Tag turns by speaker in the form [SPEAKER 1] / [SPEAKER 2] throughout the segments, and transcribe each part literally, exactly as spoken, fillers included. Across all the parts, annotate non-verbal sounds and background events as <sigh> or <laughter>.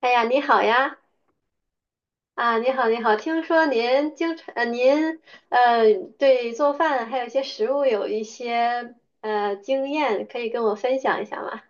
[SPEAKER 1] 哎呀，你好呀！啊，你好，你好。听说您经常，呃，您呃，对做饭还有一些食物有一些呃经验，可以跟我分享一下吗？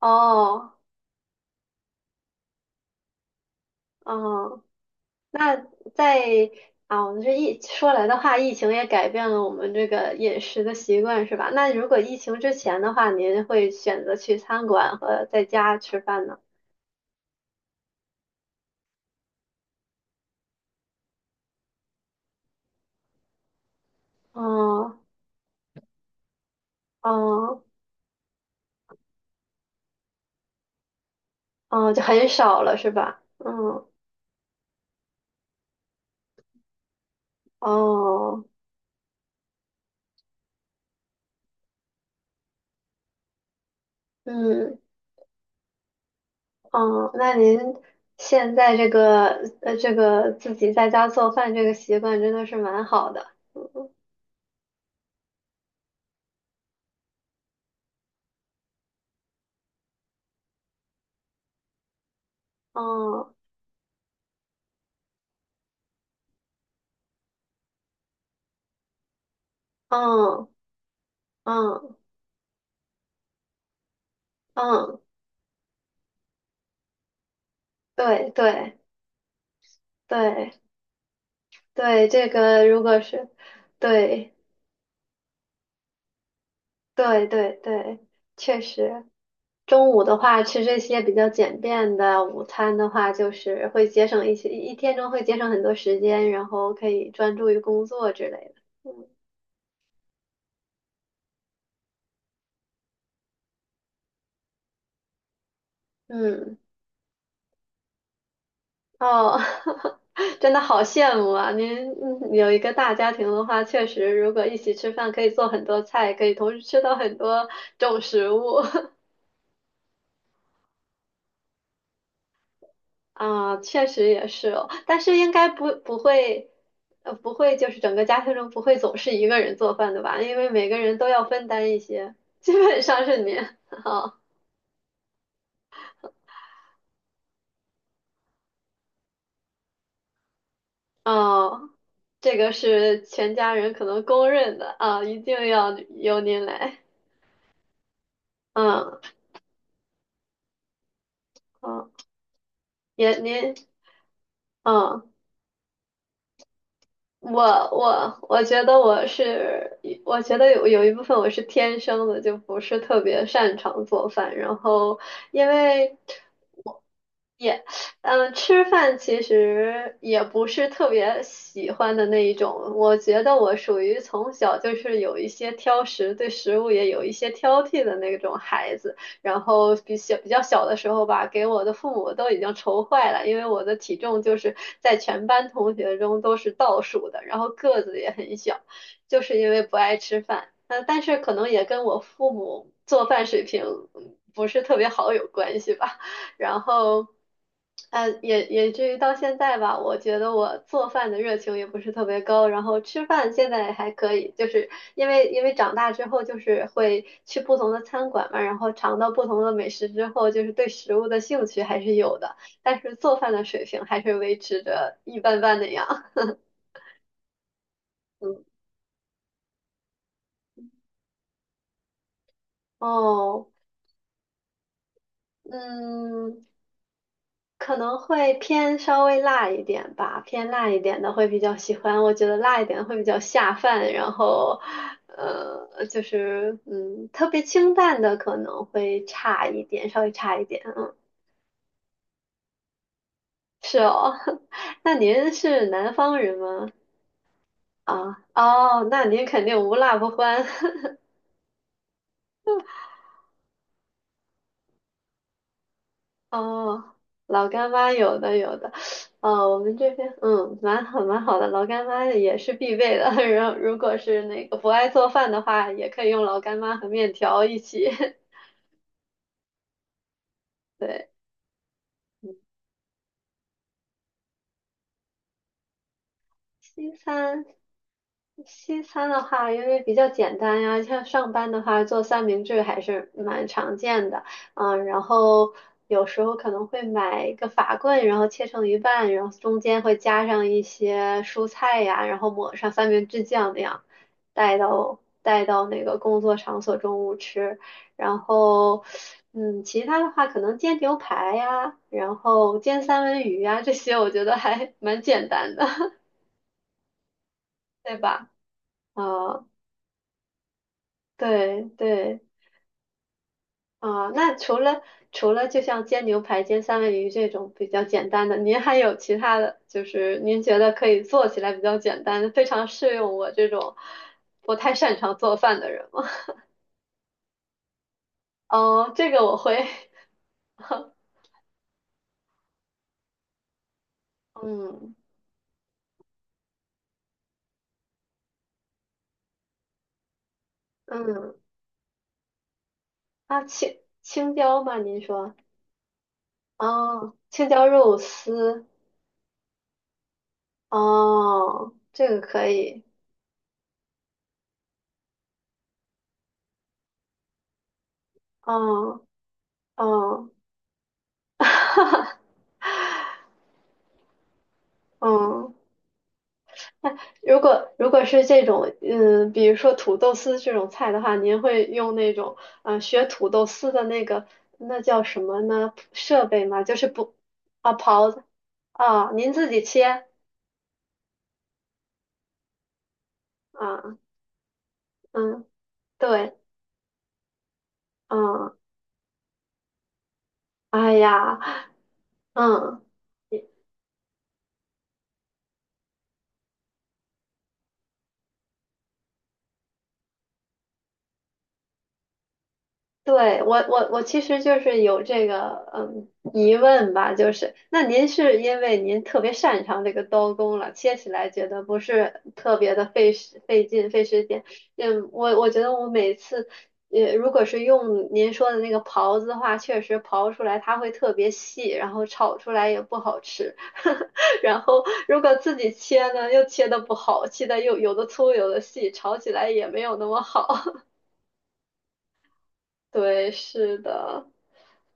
[SPEAKER 1] 哦，哦，那在啊，我们这疫说来的话，疫情也改变了我们这个饮食的习惯，是吧？那如果疫情之前的话，您会选择去餐馆和在家吃饭呢？哦，哦，哦，就很少了，是吧？嗯，哦。嗯哦，那您现在这个呃这个自己在家做饭这个习惯真的是蛮好的。嗯嗯嗯嗯嗯，对对对对，这个如果是对对对对，确实，中午的话吃这些比较简便的午餐的话，就是会节省一些一天中会节省很多时间，然后可以专注于工作之类的。嗯嗯。哦，<laughs> 真的好羡慕啊！您嗯有一个大家庭的话，确实，如果一起吃饭，可以做很多菜，可以同时吃到很多种食物 <laughs> 啊，确实也是哦。但是应该不不会，呃，不会就是整个家庭中不会总是一个人做饭的吧？因为每个人都要分担一些，基本上是您。<laughs> 哦哦，这个是全家人可能公认的啊，一定要由您来。嗯嗯，也您嗯。我我我觉得我是，我觉得有有一部分我是天生的，就不是特别擅长做饭。然后因为嗯，吃饭其实也不是特别喜欢的那一种。我觉得我属于从小就是有一些挑食，对食物也有一些挑剔的那种孩子。然后比小比较小的时候吧，给我的父母都已经愁坏了，因为我的体重就是在全班同学中都是倒数的，然后个子也很小，就是因为不爱吃饭。那但是可能也跟我父母做饭水平嗯不是特别好有关系吧。然后，呃，也也至于到现在吧，我觉得我做饭的热情也不是特别高，然后吃饭现在还可以，就是因为因为长大之后就是会去不同的餐馆嘛，然后尝到不同的美食之后，就是对食物的兴趣还是有的，但是做饭的水平还是维持着一般般那样。<laughs> 嗯，哦，嗯。可能会偏稍微辣一点吧，偏辣一点的会比较喜欢。我觉得辣一点会比较下饭，然后，呃，就是嗯，特别清淡的可能会差一点，稍微差一点。嗯，是哦。<laughs> 那您是南方人吗？啊，哦，那您肯定无辣不欢。<laughs> 哦，老干妈有的有的，哦，我们这边嗯蛮好蛮好的，老干妈也是必备的。<laughs> 然后如果是那个不爱做饭的话，也可以用老干妈和面条一起。<laughs> 对，嗯西餐西餐的话，因为比较简单呀，像上班的话做三明治还是蛮常见的，嗯，然后有时候可能会买一个法棍，然后切成一半，然后中间会加上一些蔬菜呀，然后抹上三明治酱那样，带到带到那个工作场所中午吃，然后嗯，其他的话可能煎牛排呀，然后煎三文鱼呀，这些我觉得还 <laughs> 蛮简单的，<laughs> 对吧？啊、对对啊，那除了除了就像煎牛排、煎三文鱼这种比较简单的，您还有其他的，就是您觉得可以做起来比较简单，非常适用我这种不太擅长做饭的人吗？<laughs> 哦，这个我会，<laughs> 嗯嗯，啊青青椒吗？您说哦，青椒肉丝哦，这个可以，哦哦哦。嗯 <laughs> 那如果如果是这种，嗯，比如说土豆丝这种菜的话，您会用那种，嗯、学土豆丝的那个，那叫什么呢？设备吗？就是不，啊，刨子啊，您自己切啊，嗯，对，嗯，哎呀，嗯。对，我我我其实就是有这个嗯疑问吧，就是那您是因为您特别擅长这个刀工了，切起来觉得不是特别的费时费劲费时间。嗯，我我觉得我每次也如果是用您说的那个刨子的话，确实刨出来它会特别细，然后炒出来也不好吃。<laughs> 然后如果自己切呢，又切的不好，切的又有的粗有的细，炒起来也没有那么好。对，是的，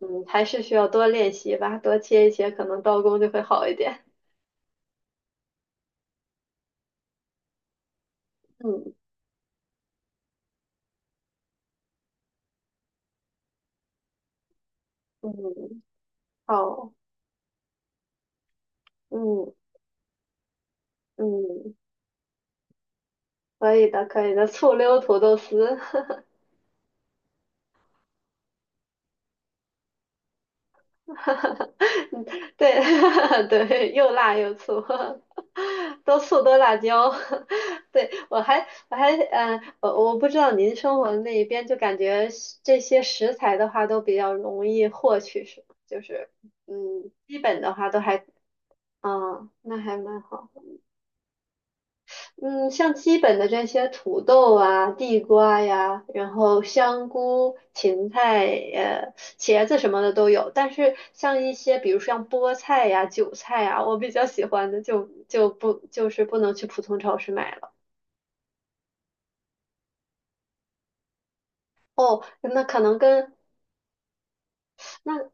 [SPEAKER 1] 嗯，还是需要多练习吧，多切一切，可能刀工就会好一点。嗯嗯，好，嗯嗯，可以的，可以的，醋溜土豆丝，<laughs> 嗯对 <laughs> 对，又辣又醋，<laughs> 多醋多辣椒。<laughs> 对，我还我还嗯，呃我我不知道您生活的那一边，就感觉是这些食材的话都比较容易获取，是吗就是嗯，基本的话都还嗯，那还蛮好。嗯，像基本的这些土豆啊、地瓜呀，然后香菇、芹菜、呃、茄子什么的都有。但是像一些，比如像菠菜呀、韭菜呀，我比较喜欢的就就不就是不能去普通超市买了。哦，那可能跟那那。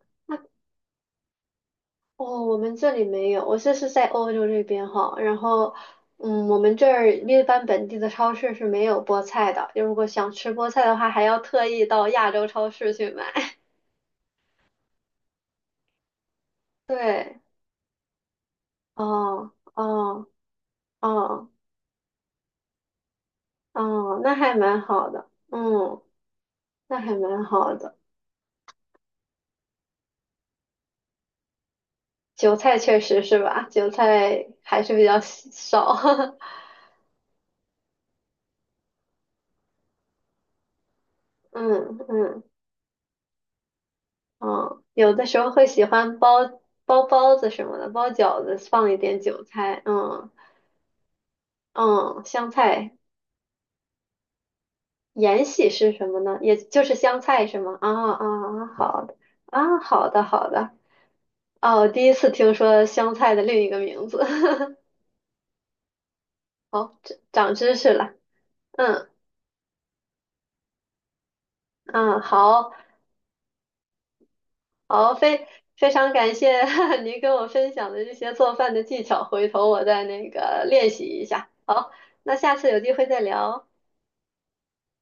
[SPEAKER 1] 哦，我们这里没有，我这是在欧洲这边哈，然后，嗯，我们这儿一般本地的超市是没有菠菜的，就如果想吃菠菜的话，还要特意到亚洲超市去买。<laughs> 对，哦，哦，哦，哦，那还蛮好的，嗯，那还蛮好的。韭菜确实是吧，韭菜还是比较稀少，<laughs> 嗯嗯嗯，有的时候会喜欢包包包子什么的，包饺子放一点韭菜，嗯。嗯，香菜延禧是什么呢？也就是香菜是吗？啊啊啊，好的啊，好的好的。哦，我第一次听说香菜的另一个名字，<laughs> 好，长长知识了。嗯嗯，好好，非非常感谢 <laughs> 您跟我分享的这些做饭的技巧，回头我再那个练习一下。那下次有机会再聊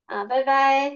[SPEAKER 1] 啊，拜拜。